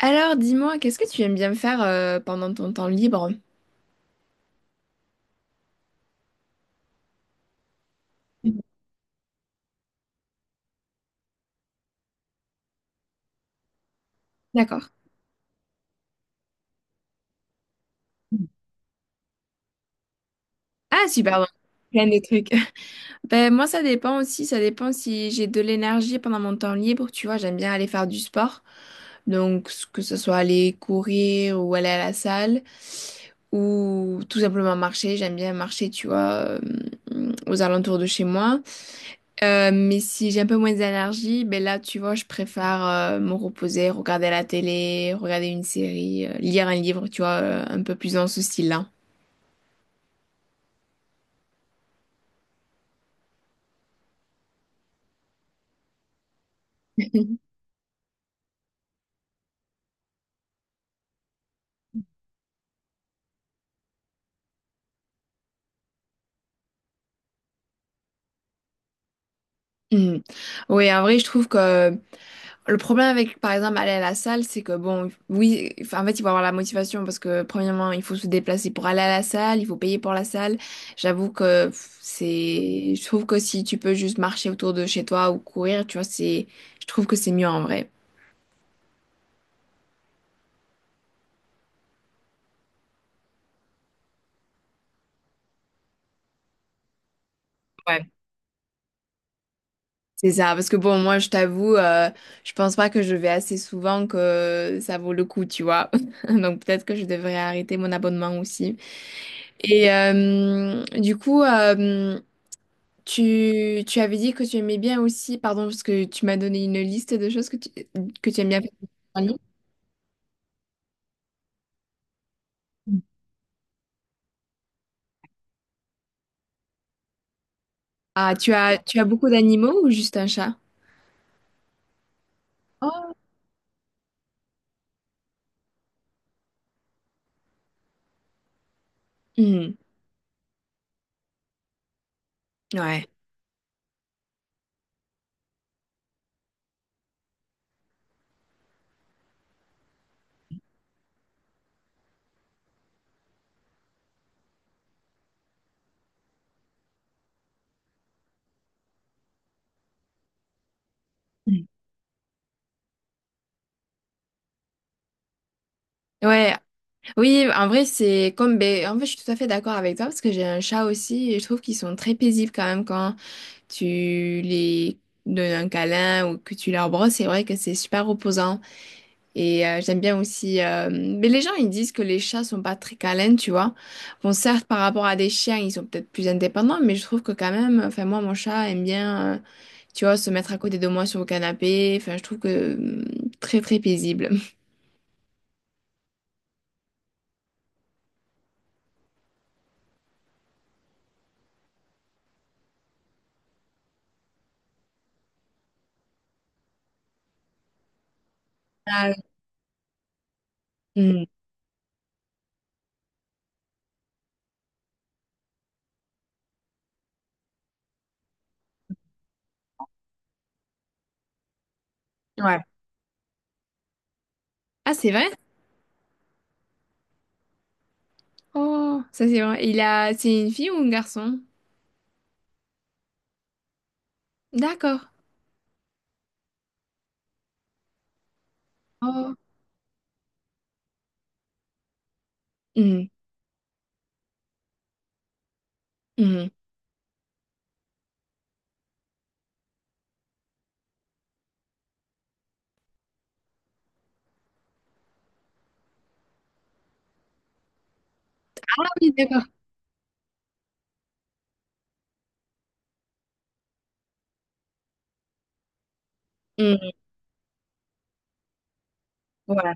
Alors, dis-moi, qu'est-ce que tu aimes bien faire pendant ton temps libre? D'accord. Ah, super, bon. Plein de trucs. Ben, moi, ça dépend aussi. Ça dépend si j'ai de l'énergie pendant mon temps libre. Tu vois, j'aime bien aller faire du sport. Donc, que ce soit aller courir ou aller à la salle ou tout simplement marcher. J'aime bien marcher, tu vois, aux alentours de chez moi. Mais si j'ai un peu moins d'énergie, ben là, tu vois, je préfère me reposer, regarder la télé, regarder une série, lire un livre, tu vois, un peu plus dans ce style-là. Mhm. Oui, en vrai, je trouve que le problème avec, par exemple, aller à la salle, c'est que bon, oui, enfin, en fait, il faut avoir la motivation parce que, premièrement, il faut se déplacer pour aller à la salle, il faut payer pour la salle. J'avoue que pff, c'est, je trouve que si tu peux juste marcher autour de chez toi ou courir, tu vois, c'est, je trouve que c'est mieux en vrai. Ouais. C'est ça, parce que bon, moi, je t'avoue, je pense pas que je vais assez souvent que ça vaut le coup, tu vois. Donc peut-être que je devrais arrêter mon abonnement aussi. Et du coup, tu avais dit que tu aimais bien aussi, pardon, parce que tu m'as donné une liste de choses que que tu aimes bien faire. Ah, tu as beaucoup d'animaux ou juste un chat? Oh. Mhm. Ouais. Mhm. Ouais. Oui, en vrai, c'est comme, ben, en fait, je suis tout à fait d'accord avec toi parce que j'ai un chat aussi et je trouve qu'ils sont très paisibles quand même quand tu les donnes un câlin ou que tu leur brosses. C'est vrai que c'est super reposant. Et j'aime bien aussi. Mais les gens, ils disent que les chats sont pas très câlins, tu vois. Bon, certes, par rapport à des chiens, ils sont peut-être plus indépendants, mais je trouve que quand même, enfin, moi, mon chat aime bien, tu vois, se mettre à côté de moi sur le canapé. Enfin, je trouve que très, très paisible. Ah, oui. Hmm. Ouais. Ah, c'est vrai? Oh, ça, c'est vrai. Il a... C'est une fille ou un garçon? D'accord. Oh. Hmm. Hmm. Ah oui, d'accord. Hmm. Voilà.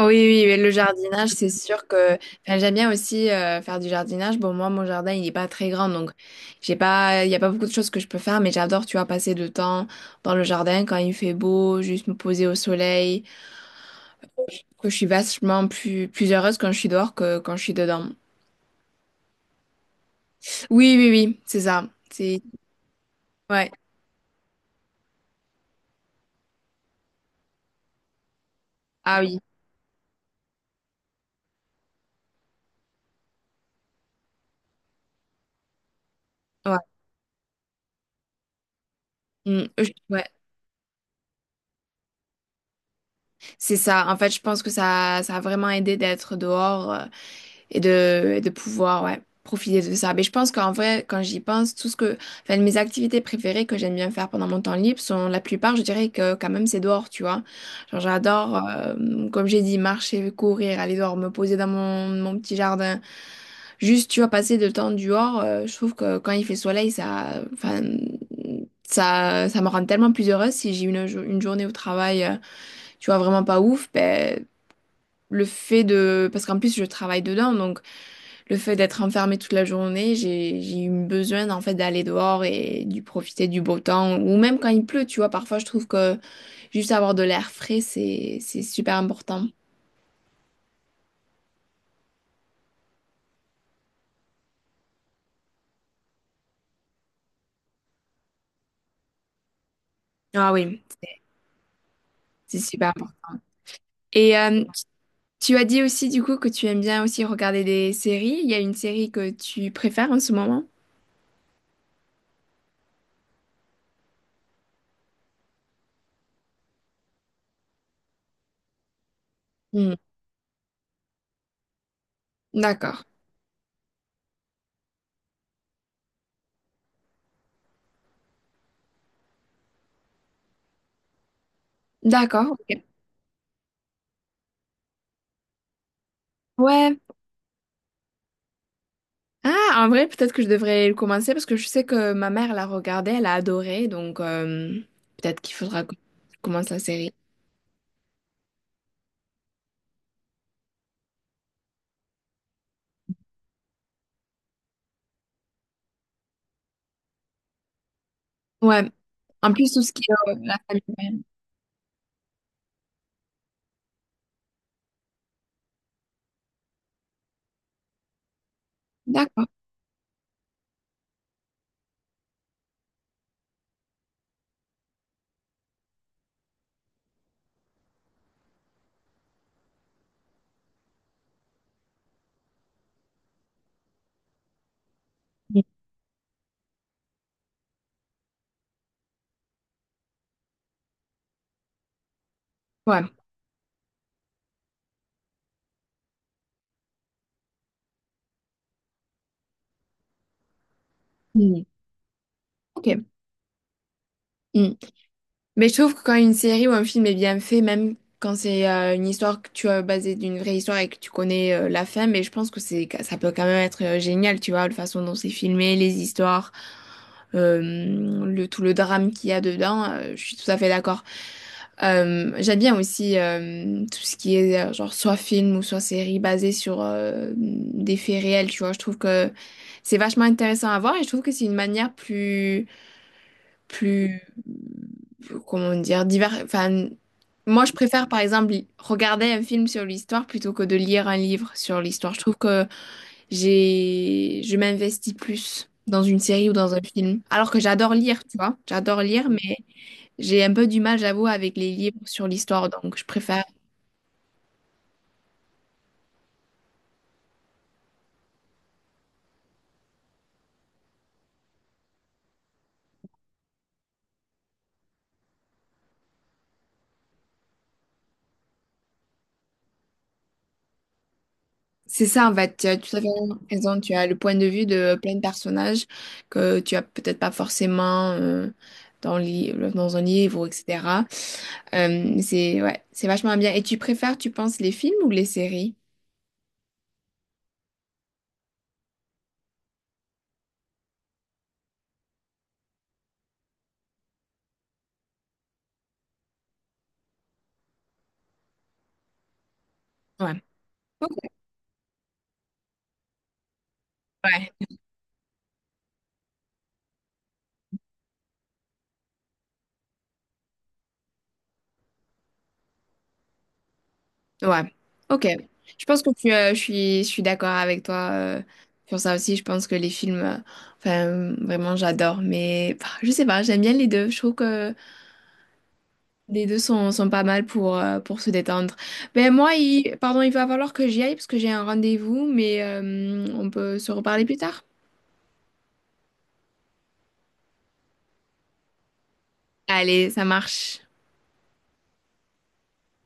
Oui, oui, mais le jardinage, c'est sûr que enfin, j'aime bien aussi faire du jardinage. Bon, moi, mon jardin, il n'est pas très grand, donc j'ai pas, il n'y a pas beaucoup de choses que je peux faire, mais j'adore, tu vois, passer du temps dans le jardin quand il fait beau, juste me poser au soleil. Que je suis vachement plus heureuse quand je suis dehors que quand je suis dedans. Oui, oui, oui, c'est ça. C'est ouais. Ah oui. Ouais. Mm, ouais. C'est ça. En fait, je pense que ça a vraiment aidé d'être dehors. Et et de pouvoir ouais, profiter de ça. Mais je pense qu'en vrai, quand j'y pense, enfin, mes activités préférées que j'aime bien faire pendant mon temps libre sont la plupart, je dirais que quand même c'est dehors, tu vois. Genre j'adore, comme j'ai dit, marcher, courir, aller dehors, me poser dans mon petit jardin. Juste, tu vois, passer le temps dehors, je trouve que quand il fait soleil, ça, enfin, ça me rend tellement plus heureuse si j'ai une journée au travail, tu vois, vraiment pas ouf, ben, le fait de... Parce qu'en plus, je travaille dedans, donc le fait d'être enfermée toute la journée, j'ai eu besoin en fait d'aller dehors et du profiter du beau temps ou même quand il pleut, tu vois, parfois je trouve que juste avoir de l'air frais, c'est super important. Ah oui, c'est super important. Et tu as dit aussi du coup que tu aimes bien aussi regarder des séries. Il y a une série que tu préfères en ce moment? Hmm. D'accord. D'accord. Ok. Ouais. Ah, en vrai, peut-être que je devrais le commencer parce que je sais que ma mère l'a regardé, elle a adoré, donc peut-être qu'il faudra que je commence la série. Ouais. En plus, tout ce qui est la famille. Ouais. D'accord. Mm. Ouais. Mm. Ok. Mm. Mais je trouve que quand une série ou un film est bien fait, même quand c'est une histoire que tu as basée d'une vraie histoire et que tu connais la fin, mais je pense que c'est ça peut quand même être génial, tu vois, la façon dont c'est filmé, les histoires, euh, le tout le drame qu'il y a dedans, je suis tout à fait d'accord. J'aime bien aussi tout ce qui est genre soit film ou soit série basée sur des faits réels, tu vois. Je trouve que c'est vachement intéressant à voir et je trouve que c'est une manière plus, comment dire, divers. Enfin, moi, je préfère, par exemple, regarder un film sur l'histoire plutôt que de lire un livre sur l'histoire. Je trouve que je m'investis plus dans une série ou dans un film. Alors que j'adore lire, tu vois. J'adore lire, mais j'ai un peu du mal, j'avoue, avec les livres sur l'histoire. Donc, je préfère. C'est ça, en fait, tu as tout à fait raison. Tu as le point de vue de plein de personnages que tu as peut-être pas forcément dans un livre, etc. Mais c'est ouais, c'est vachement bien. Et tu préfères, tu penses, les films ou les séries? Ouais. Ok. Ouais. Ouais. Ok. Je pense que je suis d'accord avec toi sur ça aussi. Je pense que les films, enfin, vraiment, j'adore. Mais bah, je sais pas, j'aime bien les deux. Je trouve que les deux sont pas mal pour se détendre. Ben moi, pardon, il va falloir que j'y aille parce que j'ai un rendez-vous, mais on peut se reparler plus tard. Allez, ça marche.